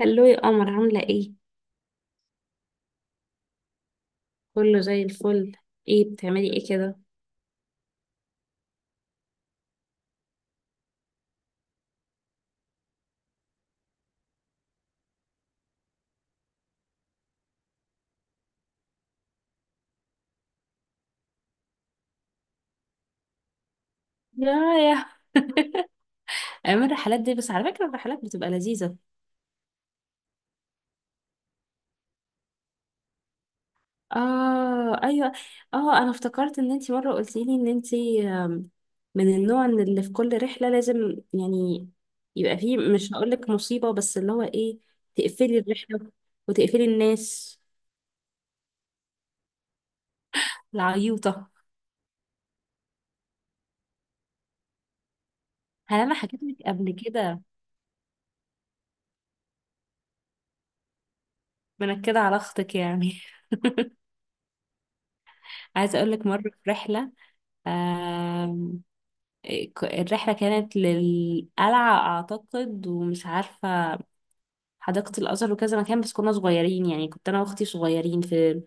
هلو يا قمر عاملة ايه؟ كله زي الفل. ايه بتعملي ايه كده؟ يا يا ايام الرحلات دي، بس على فكرة الرحلات بتبقى لذيذة. اه ايوه. اه انا افتكرت ان انتي مرة قلتيلي ان انتي من النوع ان اللي في كل رحلة لازم يعني يبقى فيه مش هقولك مصيبة بس اللي هو ايه، تقفلي الرحلة وتقفلي الناس، العيوطة. هل انا حكيت لك قبل كده منكدة على اختك يعني؟ عايزة اقولك مرة في رحلة، الرحلة كانت للقلعة أعتقد، ومش عارفة، حديقة الأزهر وكذا مكان، بس كنا صغيرين يعني، كنت أنا وأختي صغيرين في،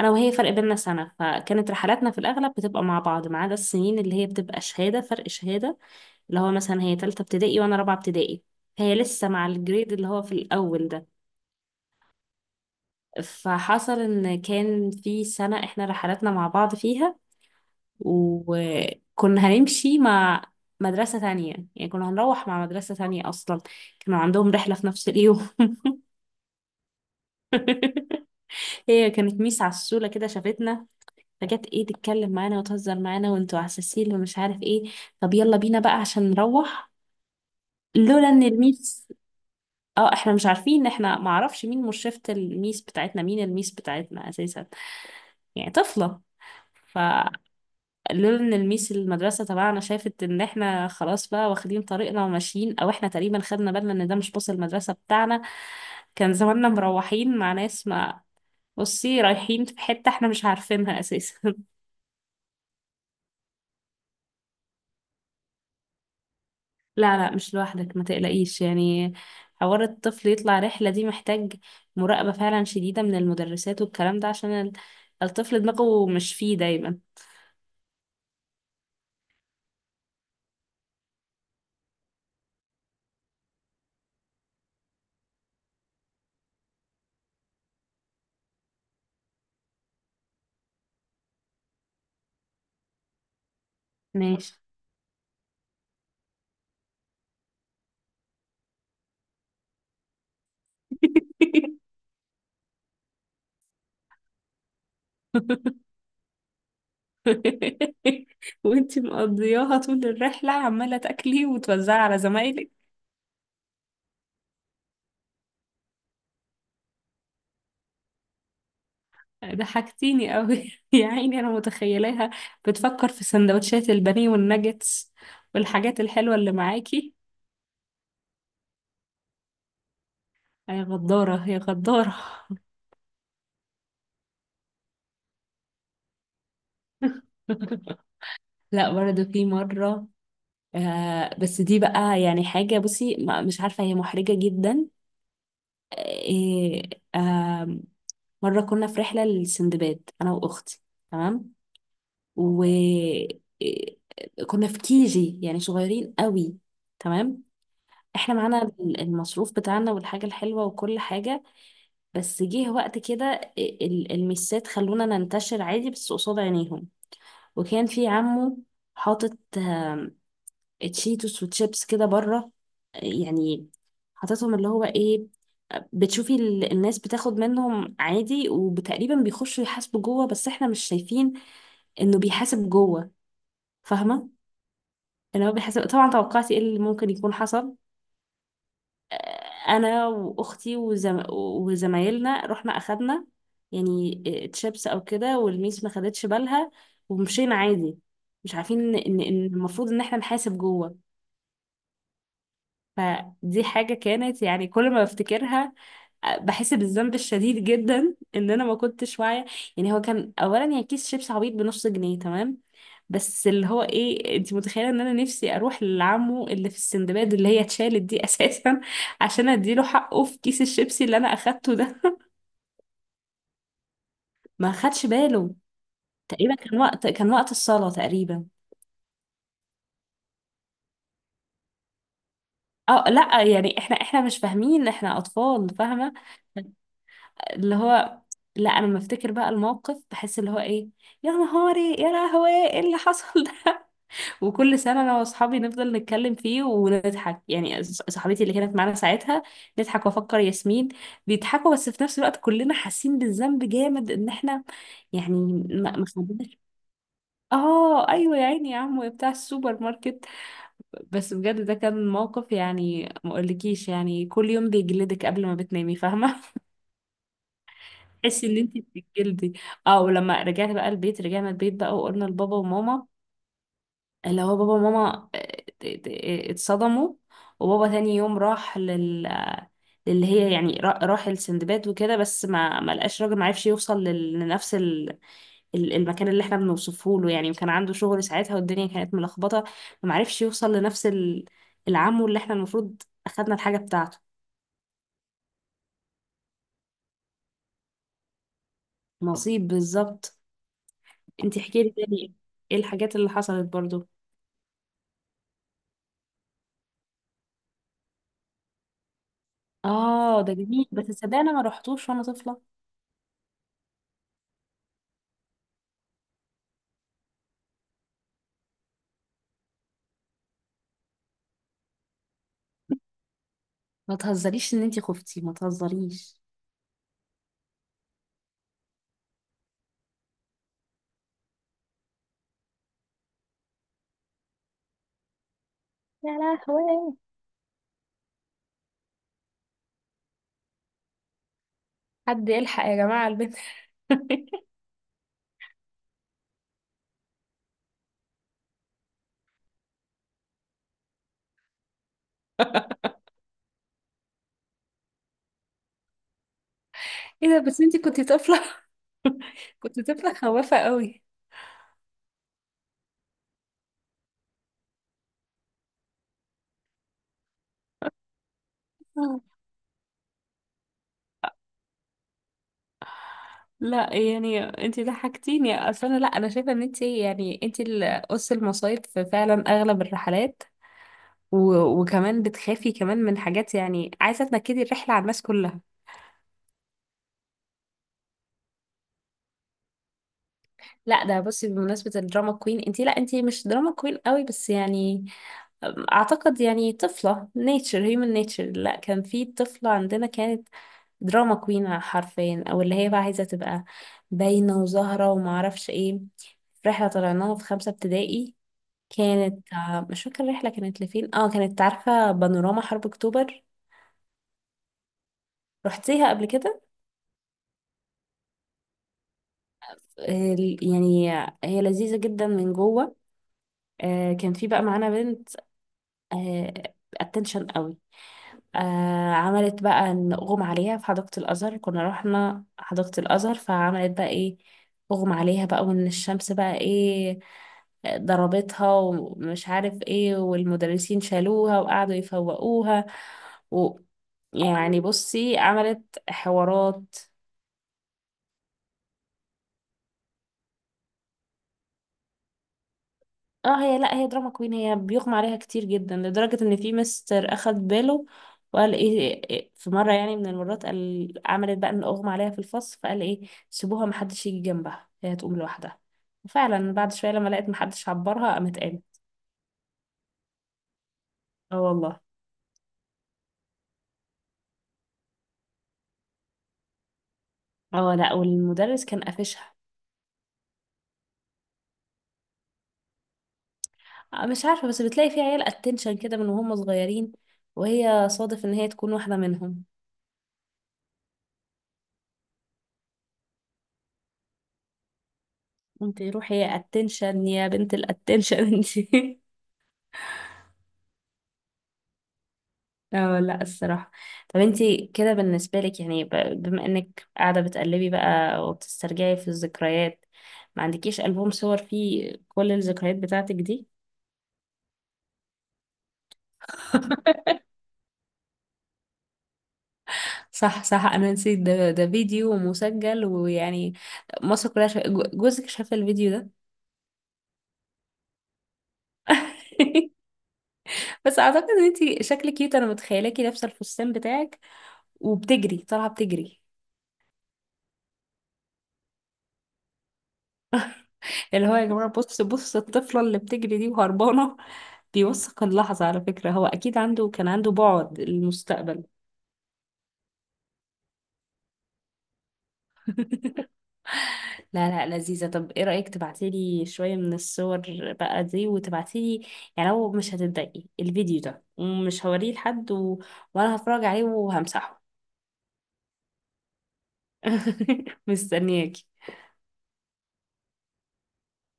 أنا وهي فرق بيننا سنة، فكانت رحلاتنا في الأغلب بتبقى مع بعض، ما عدا السنين اللي هي بتبقى شهادة، فرق شهادة، اللي هو مثلا هي تالتة ابتدائي وأنا رابعة ابتدائي. هي لسه مع الجريد اللي هو في الأول ده. فحصل إن كان في سنة إحنا رحلاتنا مع بعض فيها، وكنا هنمشي مع مدرسة تانية، يعني كنا هنروح مع مدرسة تانية أصلا، كانوا عندهم رحلة في نفس اليوم. هي كانت ميس عسولة كده شافتنا، فجت ايه تتكلم معانا وتهزر معانا وانتوا عساسين ومش عارف ايه، طب يلا بينا بقى عشان نروح. لولا ان الميس. اه احنا مش عارفين، احنا معرفش مين مرشفة الميس بتاعتنا، مين الميس بتاعتنا اساسا، يعني طفلة. ف لولا ان الميس المدرسه تبعنا شافت ان احنا خلاص بقى واخدين طريقنا وماشيين، او احنا تقريبا خدنا بالنا ان ده مش باص المدرسه بتاعنا، كان زماننا مروحين مع ناس، ما، بصي رايحين في حته احنا مش عارفينها اساسا. لا، لا، مش لوحدك ما تقلقيش يعني. حوار الطفل يطلع رحله دي محتاج مراقبه فعلا شديده من المدرسات والكلام ده، عشان الطفل دماغه مش فيه دايما. ماشي. وانتي مقضياها طول الرحلة عمالة تاكلي وتوزعي على زمايلك. ضحكتيني قوي، يا عيني انا متخيلاها بتفكر في سندوتشات البانيه والناجتس والحاجات الحلوة اللي معاكي. يا غدارة يا غدارة. لا برضه في مرة، آه بس دي بقى يعني حاجة بصي، مش عارفة هي محرجة جدا. آه. آه. مرة كنا في رحلة للسندباد أنا وأختي، تمام، وكنا في كيجي يعني صغيرين قوي، تمام. احنا معانا المصروف بتاعنا والحاجة الحلوة وكل حاجة، بس جه وقت كده المسات خلونا ننتشر عادي بس قصاد عينيهم، وكان في عمه حاطط تشيتوس وتشيبس كده بره يعني، حاططهم اللي هو ايه، بتشوفي الناس بتاخد منهم عادي، وتقريبا بيخشوا يحاسبوا جوه بس احنا مش شايفين انه بيحاسب جوه، فاهمة؟ اللي هو بيحسب طبعا، توقعتي ايه اللي ممكن يكون حصل؟ آه، انا واختي وزمايلنا رحنا اخدنا يعني تشيبس او كده، والميس ما خدتش بالها، ومشينا عادي مش عارفين ان إن المفروض ان احنا نحاسب جوه. فدي حاجة كانت يعني كل ما بفتكرها بحس بالذنب الشديد جدا، ان انا ما كنتش واعيه، يعني هو كان اولا يعني كيس شيبس عبيط بنص جنيه، تمام، بس اللي هو ايه، انت متخيله ان انا نفسي اروح لعمه اللي في السندباد اللي هي اتشالت دي اساسا عشان اديله حقه في كيس الشيبسي اللي انا اخدته ده. ما خدش باله. تقريبا كان وقت الصلاه تقريبا. اه لا يعني احنا مش فاهمين، احنا اطفال، فاهمه. اللي هو، لا انا لما افتكر بقى الموقف بحس اللي هو ايه، يا نهاري، يا لهوي ايه اللي حصل ده. وكل سنة أنا وأصحابي نفضل نتكلم فيه ونضحك، يعني صاحبتي اللي كانت معانا ساعتها، نضحك وأفكر ياسمين بيضحكوا، بس في نفس الوقت كلنا حاسين بالذنب جامد إن إحنا يعني ما خدناش. آه أيوة، يا عيني يا عمو يا بتاع السوبر ماركت. بس بجد ده كان موقف يعني ما أقولكيش، يعني كل يوم بيجلدك قبل ما بتنامي، فاهمة؟ تحسي إن أنت بتتجلدي. اه ولما رجعت بقى البيت، رجعنا البيت بقى وقلنا لبابا وماما، اللي هو بابا وماما اتصدموا، وبابا تاني يوم راح للي هي يعني، راح لسندباد وكده، بس ما لقاش راجل، ما عرفش يوصل لنفس المكان اللي احنا بنوصفه له يعني، وكان عنده شغل ساعتها والدنيا كانت ملخبطة، فما عرفش يوصل لنفس العمو اللي احنا المفروض اخدنا الحاجة بتاعته. نصيب بالظبط. انتي احكي لي تاني ايه الحاجات اللي حصلت برضو. اه ده جميل بس صدقني انا ما رحتوش وانا طفلة. ما تهزريش ان انتي خفتي، ما تهزريش. يا لهوي، حد يلحق يا جماعة على البنت. ايه ده، بس انتي كنتي طفلة. كنتي طفلة خوافة قوي. آه. لا يعني انتي ضحكتيني اصلا، لا انا شايفه ان انتي يعني انتي اللي قص المصايب في فعلا اغلب الرحلات، و... وكمان بتخافي كمان من حاجات يعني، عايزه تنكدي الرحله على الناس كلها. لا ده بصي بمناسبة الدراما كوين انتي، لا انتي مش دراما كوين قوي بس يعني، اعتقد يعني طفلة نيتشر، هيومن نيتشر. لا كان في طفلة عندنا كانت دراما كوين حرفيا، او اللي هي بقى عايزة تبقى باينة وزهرة ومعرفش ايه. في رحلة طلعناها في خمسة ابتدائي، كانت مش فاكرة الرحلة كانت لفين، اه كانت، عارفة، بانوراما حرب اكتوبر. رحتيها قبل كده؟ آه، يعني هي لذيذة جدا من جوه. كان في بقى معانا بنت اتنشن قوي، آه عملت بقى إن أغمى عليها في حديقة الأزهر، كنا رحنا حديقة الأزهر، فعملت بقى إيه، أغمى عليها بقى، وإن الشمس بقى إيه ضربتها ومش عارف إيه، والمدرسين شالوها وقعدوا يفوقوها، و، يعني بصي عملت حوارات. اه هي، لا هي دراما كوين، هي بيغمى عليها كتير جدا لدرجة ان في مستر اخد باله، وقال ايه، في مرة يعني من المرات قال، عملت بقى ان اغمى عليها في الفصل، فقال ايه سيبوها محدش يجي جنبها هي هتقوم لوحدها. وفعلا بعد شوية لما لقيت محدش عبرها، قامت قامت. اه والله. اه لا، والمدرس كان قافشها. مش عارفة بس بتلاقي في عيال اتنشن كده من وهم صغيرين، وهي صادف ان هي تكون واحدة منهم. انت روحي يا اتنشن يا بنت الاتنشن انت. اه لا الصراحة. طب انتي كده بالنسبة لك يعني، بما انك قاعدة بتقلبي بقى وبتسترجعي في الذكريات، ما عندكيش ألبوم صور فيه كل الذكريات بتاعتك دي؟ صح صح، انا نسيت، ده فيديو مسجل ويعني مصر كلها جوزك شاف الفيديو ده. بس اعتقد ان انتي شكلك كيوت، انا متخيلاكي لابسة الفستان بتاعك وبتجري، طالعة بتجري، اللي هو يا جماعة بص بص الطفلة اللي بتجري دي وهربانة. بيوثق اللحظة على فكرة، هو أكيد عنده، كان عنده بعد المستقبل. لا لا لذيذة. طب إيه رأيك تبعتيلي شوية من الصور بقى دي، وتبعتيلي يعني لو مش هتتضايقي الفيديو ده ومش هوريه لحد، و... وأنا هتفرج عليه وهمسحه. مستنياكي.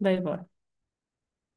باي باي.